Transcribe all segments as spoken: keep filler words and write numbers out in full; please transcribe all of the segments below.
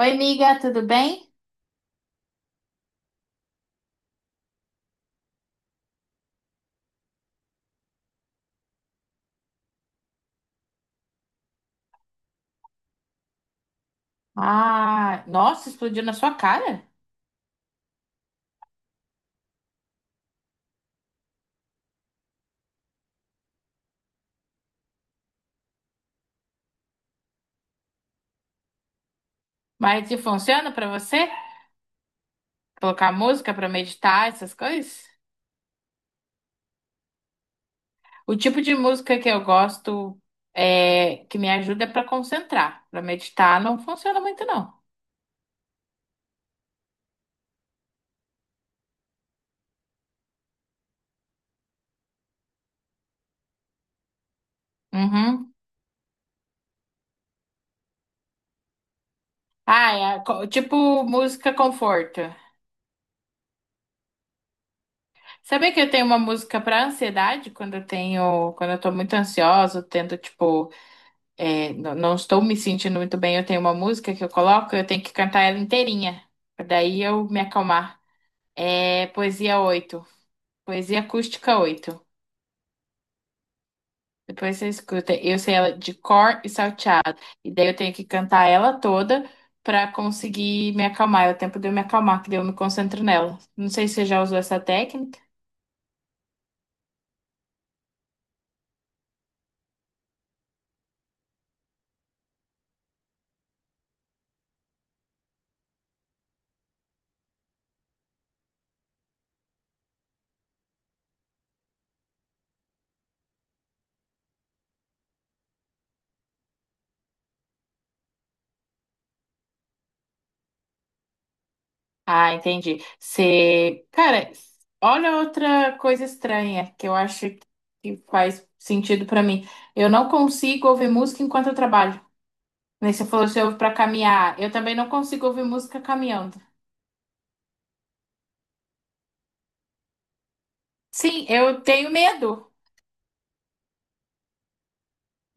Oi, amiga, tudo bem? Ah, nossa, explodiu na sua cara. Mas e funciona pra você? Colocar música pra meditar, essas coisas? O tipo de música que eu gosto é que me ajuda é para concentrar. Pra meditar não funciona muito não. Uhum. Ah, é a co- tipo música conforto. Sabia que eu tenho uma música pra ansiedade quando eu tenho, quando eu tô muito ansiosa, eu tento tipo. É, n- não estou me sentindo muito bem. Eu tenho uma música que eu coloco, eu tenho que cantar ela inteirinha, pra daí eu me acalmar. É Poesia oito, Poesia Acústica oito. Depois você escuta, eu sei ela de cor e salteado. E daí eu tenho que cantar ela toda pra conseguir me acalmar. É o tempo de eu me acalmar, que daí eu me concentro nela. Não sei se você já usou essa técnica. Ah, entendi. Você, cara, olha outra coisa estranha que eu acho que faz sentido pra mim. Eu não consigo ouvir música enquanto eu trabalho. Nem você falou se ouve para caminhar. Eu também não consigo ouvir música caminhando. Sim, eu tenho medo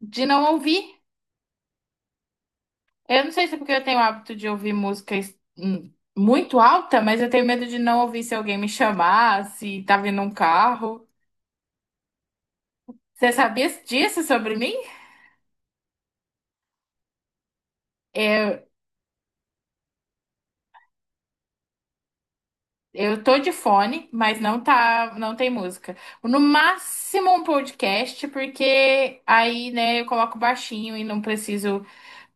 de não ouvir. Eu não sei se é porque eu tenho o hábito de ouvir música hum, muito alta, mas eu tenho medo de não ouvir se alguém me chamar, se tá vindo um carro. Você sabia disso sobre mim? Eu tô de fone, mas não tá, não tem música. No máximo um podcast, porque aí, né, eu coloco baixinho e não preciso.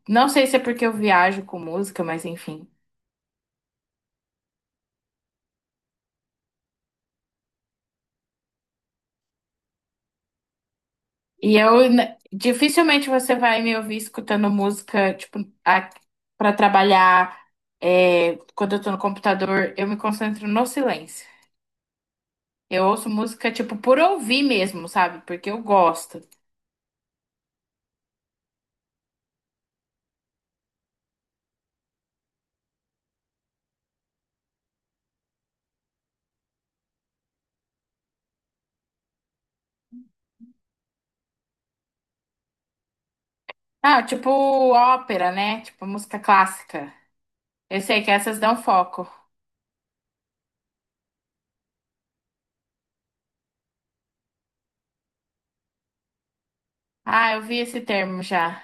Não sei se é porque eu viajo com música, mas enfim. E eu n- dificilmente você vai me ouvir escutando música, tipo, a, para trabalhar. É, quando eu tô no computador, eu me concentro no silêncio. Eu ouço música, tipo, por ouvir mesmo, sabe? Porque eu gosto. Ah, tipo ópera, né? Tipo música clássica. Eu sei que essas dão foco. Ah, eu vi esse termo já.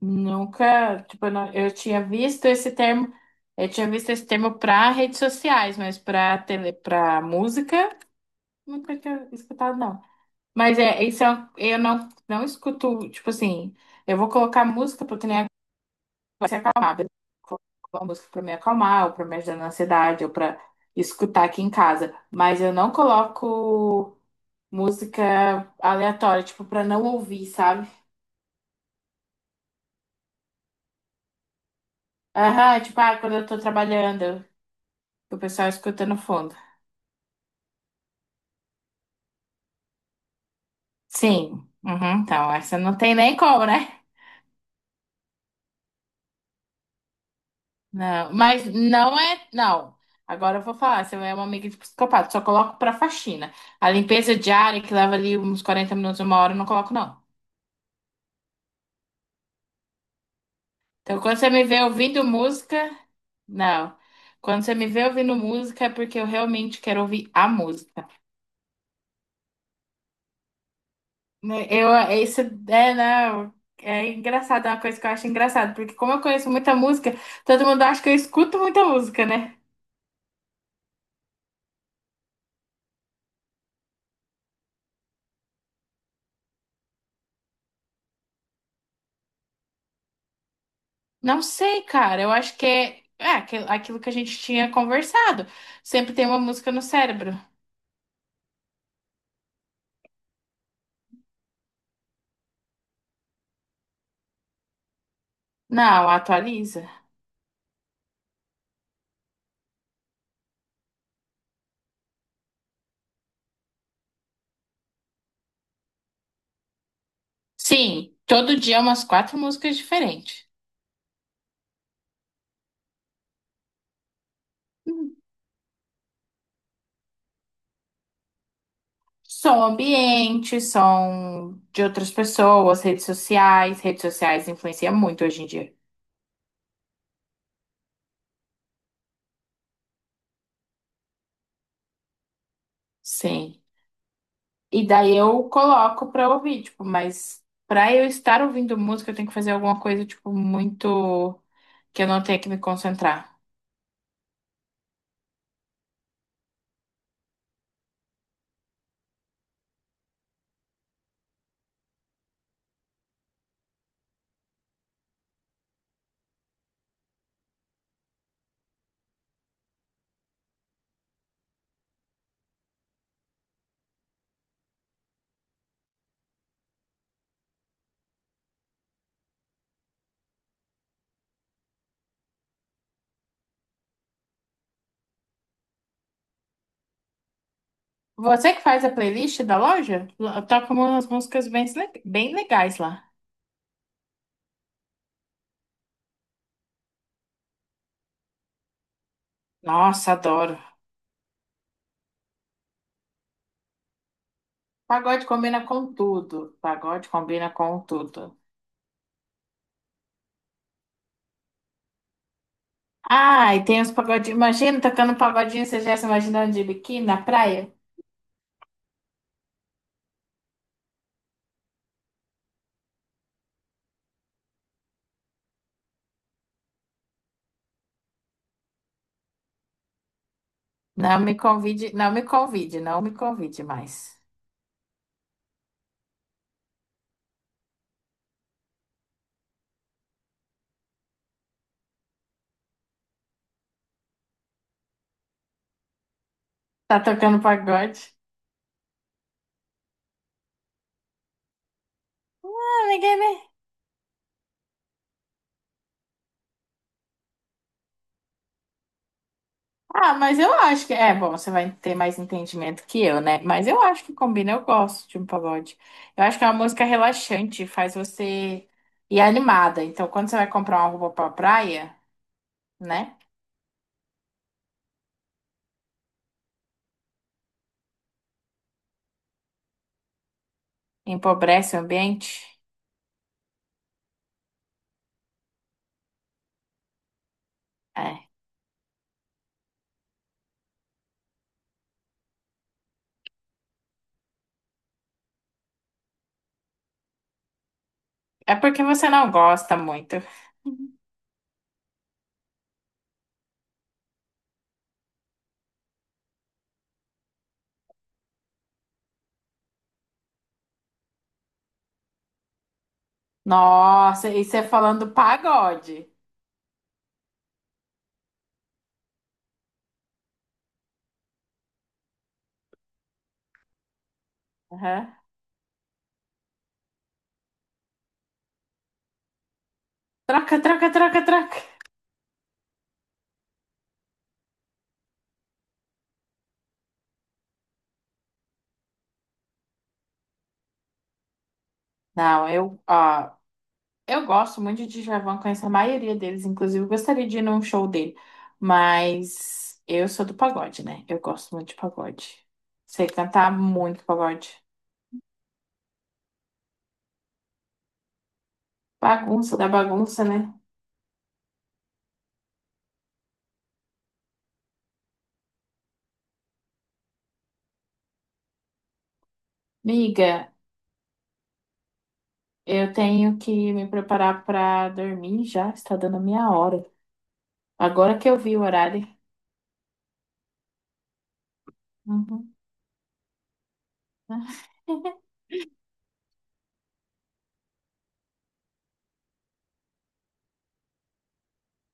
Nunca, tipo, eu, não- eu tinha visto esse termo, eu tinha visto esse termo para redes sociais, mas para tele, para música, nunca tinha escutado, não. Mas é, isso é, um- eu não, não escuto, tipo assim, eu vou colocar música porque nem vai se acalmar, beleza? Vou colocar uma música para me acalmar, ou para me ajudar na ansiedade, ou para escutar aqui em casa. Mas eu não coloco música aleatória, tipo, para não ouvir, sabe? Aham, tipo, ah, quando eu tô trabalhando, que o pessoal escuta no fundo. Sim. Uhum, então, essa não tem nem como, né? Não, mas não é. Não. Agora eu vou falar, você é uma amiga de psicopata, só coloco pra faxina. A limpeza diária, que leva ali uns quarenta minutos, uma hora, eu não coloco, não. Então, quando você me vê ouvindo música, não. Quando você me vê ouvindo música, é porque eu realmente quero ouvir a música. Né, eu, é isso é, não, é engraçado, é uma coisa que eu acho engraçado, porque como eu conheço muita música, todo mundo acha que eu escuto muita música, né? Não sei, cara, eu acho que é, é aquilo aquilo que a gente tinha conversado. Sempre tem uma música no cérebro. Não, atualiza. Sim, todo dia umas quatro músicas diferentes. Hum. Som ambiente, som de outras pessoas, redes sociais. Redes sociais influenciam muito hoje em dia. Sim. E daí eu coloco pra ouvir, tipo, mas pra eu estar ouvindo música, eu tenho que fazer alguma coisa, tipo, muito que eu não tenha que me concentrar. Você que faz a playlist da loja, lá- toca umas músicas bem, le- bem legais lá. Nossa, adoro. Pagode combina com tudo. Pagode combina com tudo. Ah, e tem os pagodinhos. Imagina tocando um pagodinho, você já se imaginando de biquíni na praia? Não me convide, não me convide, não me convide mais. Tá tocando pagode? Ah, ninguém, né? Ah, mas eu acho que. É, bom, você vai ter mais entendimento que eu, né? Mas eu acho que combina, eu gosto de um pagode. Eu acho que é uma música relaxante, faz você ir animada. Então, quando você vai comprar uma roupa pra praia, né? Empobrece o ambiente. É. É porque você não gosta muito. Nossa, e você falando pagode. Aham. Troca, troca, troca, troca. Não, eu. Ó, eu gosto muito de Djavan, conheço a maioria deles, inclusive eu gostaria de ir num show dele, mas eu sou do pagode, né? Eu gosto muito de pagode. Sei cantar muito pagode. Bagunça da bagunça, né? Miga, eu tenho que me preparar pra dormir já, está dando a minha hora. Agora que eu vi o horário. Uhum.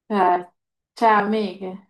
Tá, tchau, amiga.